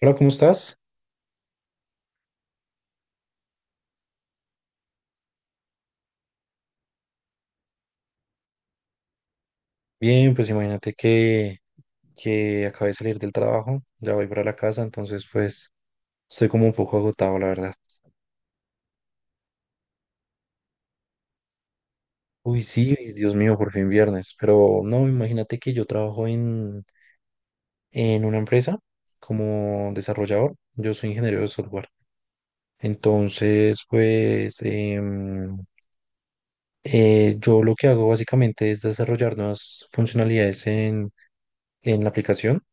Hola, ¿cómo estás? Bien, pues imagínate que, acabé de salir del trabajo, ya voy para la casa, entonces pues estoy como un poco agotado, la verdad. Uy, sí, Dios mío, por fin viernes, pero no, imagínate que yo trabajo en, una empresa como desarrollador, yo soy ingeniero de software, entonces pues yo lo que hago básicamente es desarrollar nuevas funcionalidades en, la aplicación.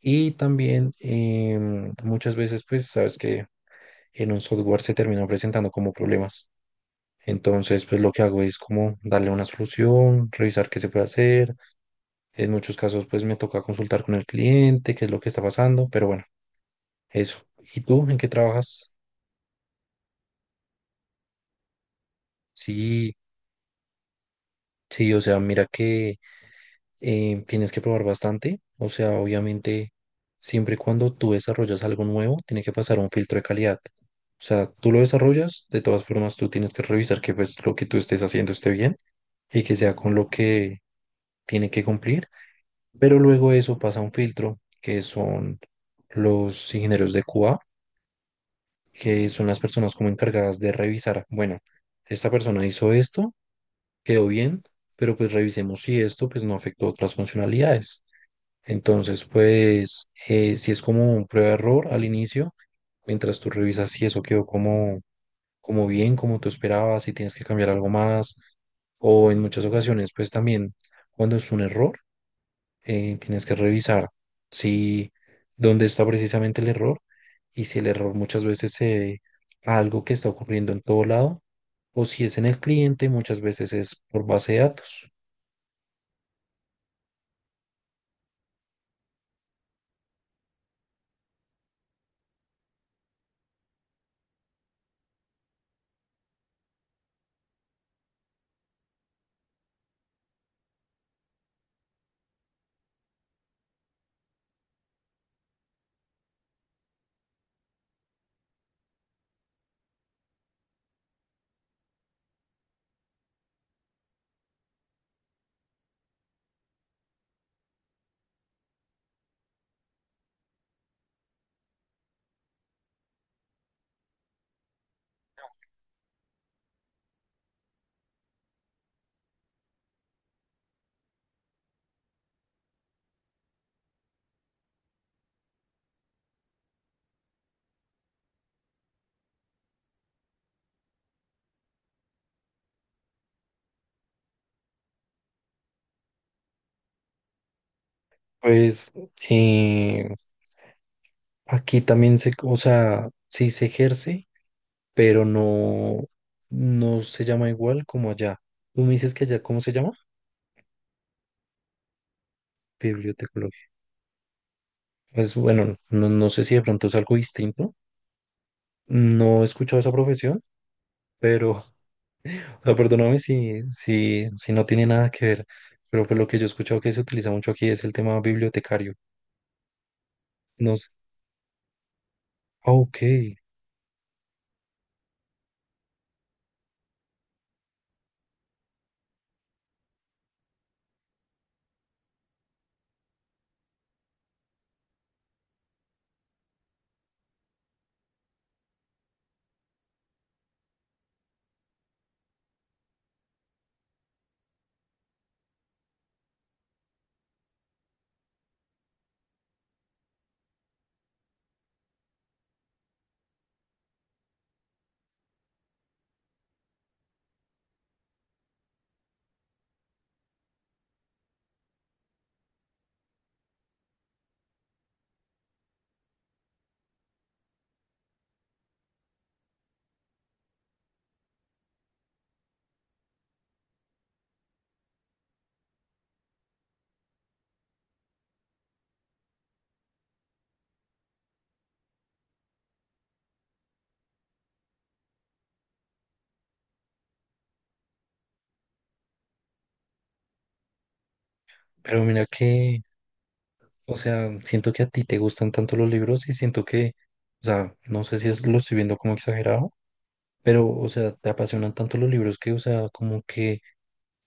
Y también muchas veces, pues, sabes que en un software se terminan presentando como problemas. Entonces, pues lo que hago es como darle una solución, revisar qué se puede hacer. En muchos casos, pues me toca consultar con el cliente, qué es lo que está pasando, pero bueno, eso. ¿Y tú en qué trabajas? Sí, sí, o sea, mira que tienes que probar bastante. O sea, obviamente, siempre y cuando tú desarrollas algo nuevo, tiene que pasar un filtro de calidad. O sea, tú lo desarrollas, de todas formas, tú tienes que revisar que pues lo que tú estés haciendo esté bien y que sea con lo que tiene que cumplir, pero luego eso pasa a un filtro que son los ingenieros de QA, que son las personas como encargadas de revisar, bueno, esta persona hizo esto, quedó bien, pero pues revisemos si esto pues no afectó otras funcionalidades. Entonces, pues si es como un prueba-error al inicio, mientras tú revisas si eso quedó como bien, como tú esperabas, si tienes que cambiar algo más, o en muchas ocasiones, pues también cuando es un error tienes que revisar si dónde está precisamente el error y si el error muchas veces se debe a algo que está ocurriendo en todo lado o si es en el cliente, muchas veces es por base de datos. Pues eh, aquí también se, o sea, sí se ejerce, pero no, no se llama igual como allá. Tú me dices que allá, ¿cómo se llama? Bibliotecología. Pues bueno, no, no sé si de pronto es algo distinto. No he escuchado esa profesión, pero o sea, perdóname si no tiene nada que ver, pero por lo que yo he escuchado que se utiliza mucho aquí es el tema bibliotecario. Nos, ah, ok, pero mira que, o sea, siento que a ti te gustan tanto los libros y siento que, o sea, no sé si es, lo estoy viendo como exagerado, pero, o sea, te apasionan tanto los libros que, o sea, como que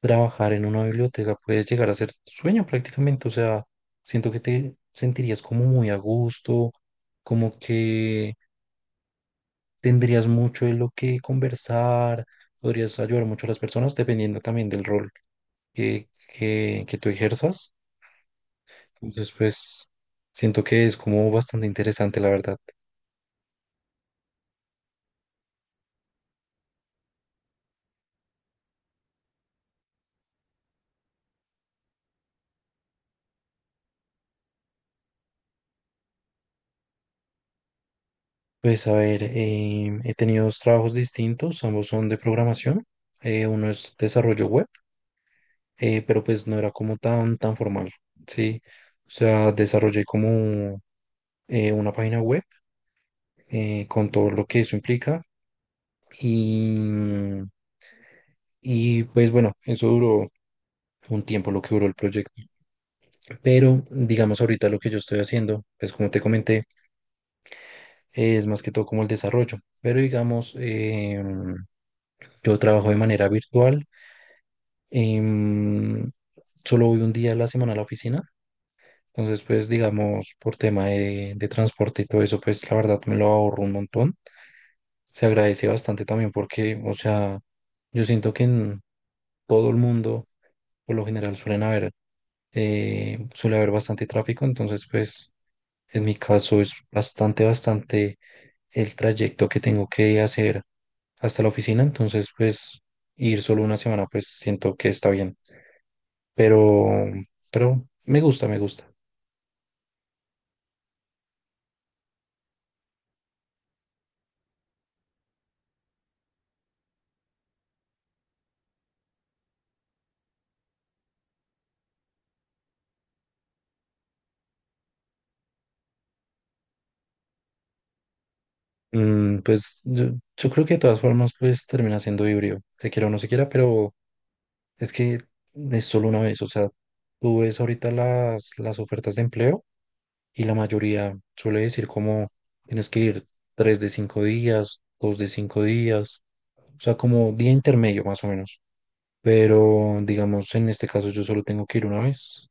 trabajar en una biblioteca puede llegar a ser tu sueño prácticamente, o sea, siento que te sentirías como muy a gusto, como que tendrías mucho de lo que conversar, podrías ayudar mucho a las personas dependiendo también del rol que tú ejerzas. Entonces, pues siento que es como bastante interesante, la verdad. Pues a ver, he tenido dos trabajos distintos, ambos son de programación. Uno es desarrollo web, pero pues no era como tan formal, ¿sí? O sea, desarrollé como una página web con todo lo que eso implica y... Y pues bueno, eso duró fue un tiempo lo que duró el proyecto. Pero digamos ahorita lo que yo estoy haciendo, pues como te comenté, es más que todo como el desarrollo. Pero digamos, yo trabajo de manera virtual. em, Solo voy un día a la semana a la oficina. Entonces, pues digamos, por tema de, transporte y todo eso, pues la verdad me lo ahorro un montón. Se agradece bastante también porque, o sea, yo siento que en todo el mundo, por lo general, suele haber bastante tráfico. Entonces, pues en mi caso es bastante, bastante el trayecto que tengo que hacer hasta la oficina, entonces pues ir solo una semana pues siento que está bien, pero, pero me gusta, me gusta. Pues yo creo que de todas formas pues termina siendo híbrido, se quiera o no se quiera, pero es que es solo una vez, o sea, tú ves ahorita las ofertas de empleo y la mayoría suele decir como tienes que ir 3 de 5 días, 2 de 5 días. O sea, como día intermedio más o menos. Pero digamos, en este caso yo solo tengo que ir una vez.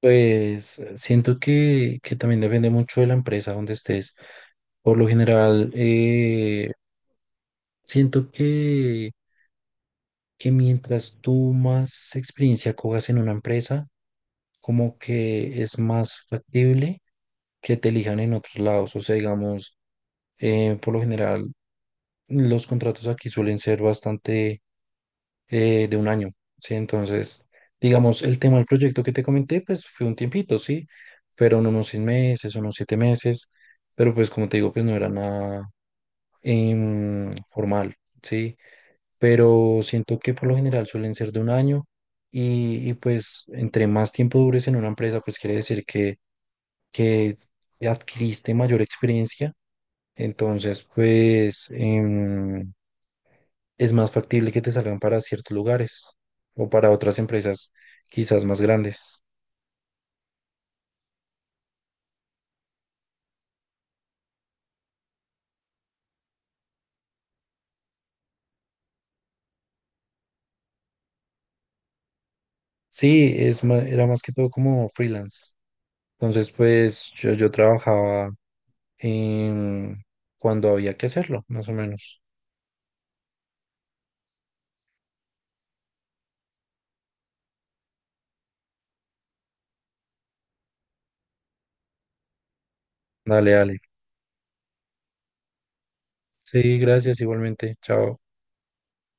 Pues siento que también depende mucho de la empresa donde estés. Por lo general, siento que mientras tú más experiencia cojas en una empresa, como que es más factible que te elijan en otros lados. O sea, digamos, por lo general, los contratos aquí suelen ser bastante de un año, ¿sí? Entonces, digamos, el tema del proyecto que te comenté, pues fue un tiempito, ¿sí? Fueron unos 6 meses, unos 7 meses, pero pues como te digo, pues no era nada formal, ¿sí? Pero siento que por lo general suelen ser de un año pues entre más tiempo dures en una empresa, pues quiere decir que adquiriste mayor experiencia. Entonces, pues, es más factible que te salgan para ciertos lugares o para otras empresas quizás más grandes. Sí, era más que todo como freelance. Entonces, pues yo trabajaba en- cuando había que hacerlo, más o menos. Dale, dale. Sí, gracias igualmente. Chao.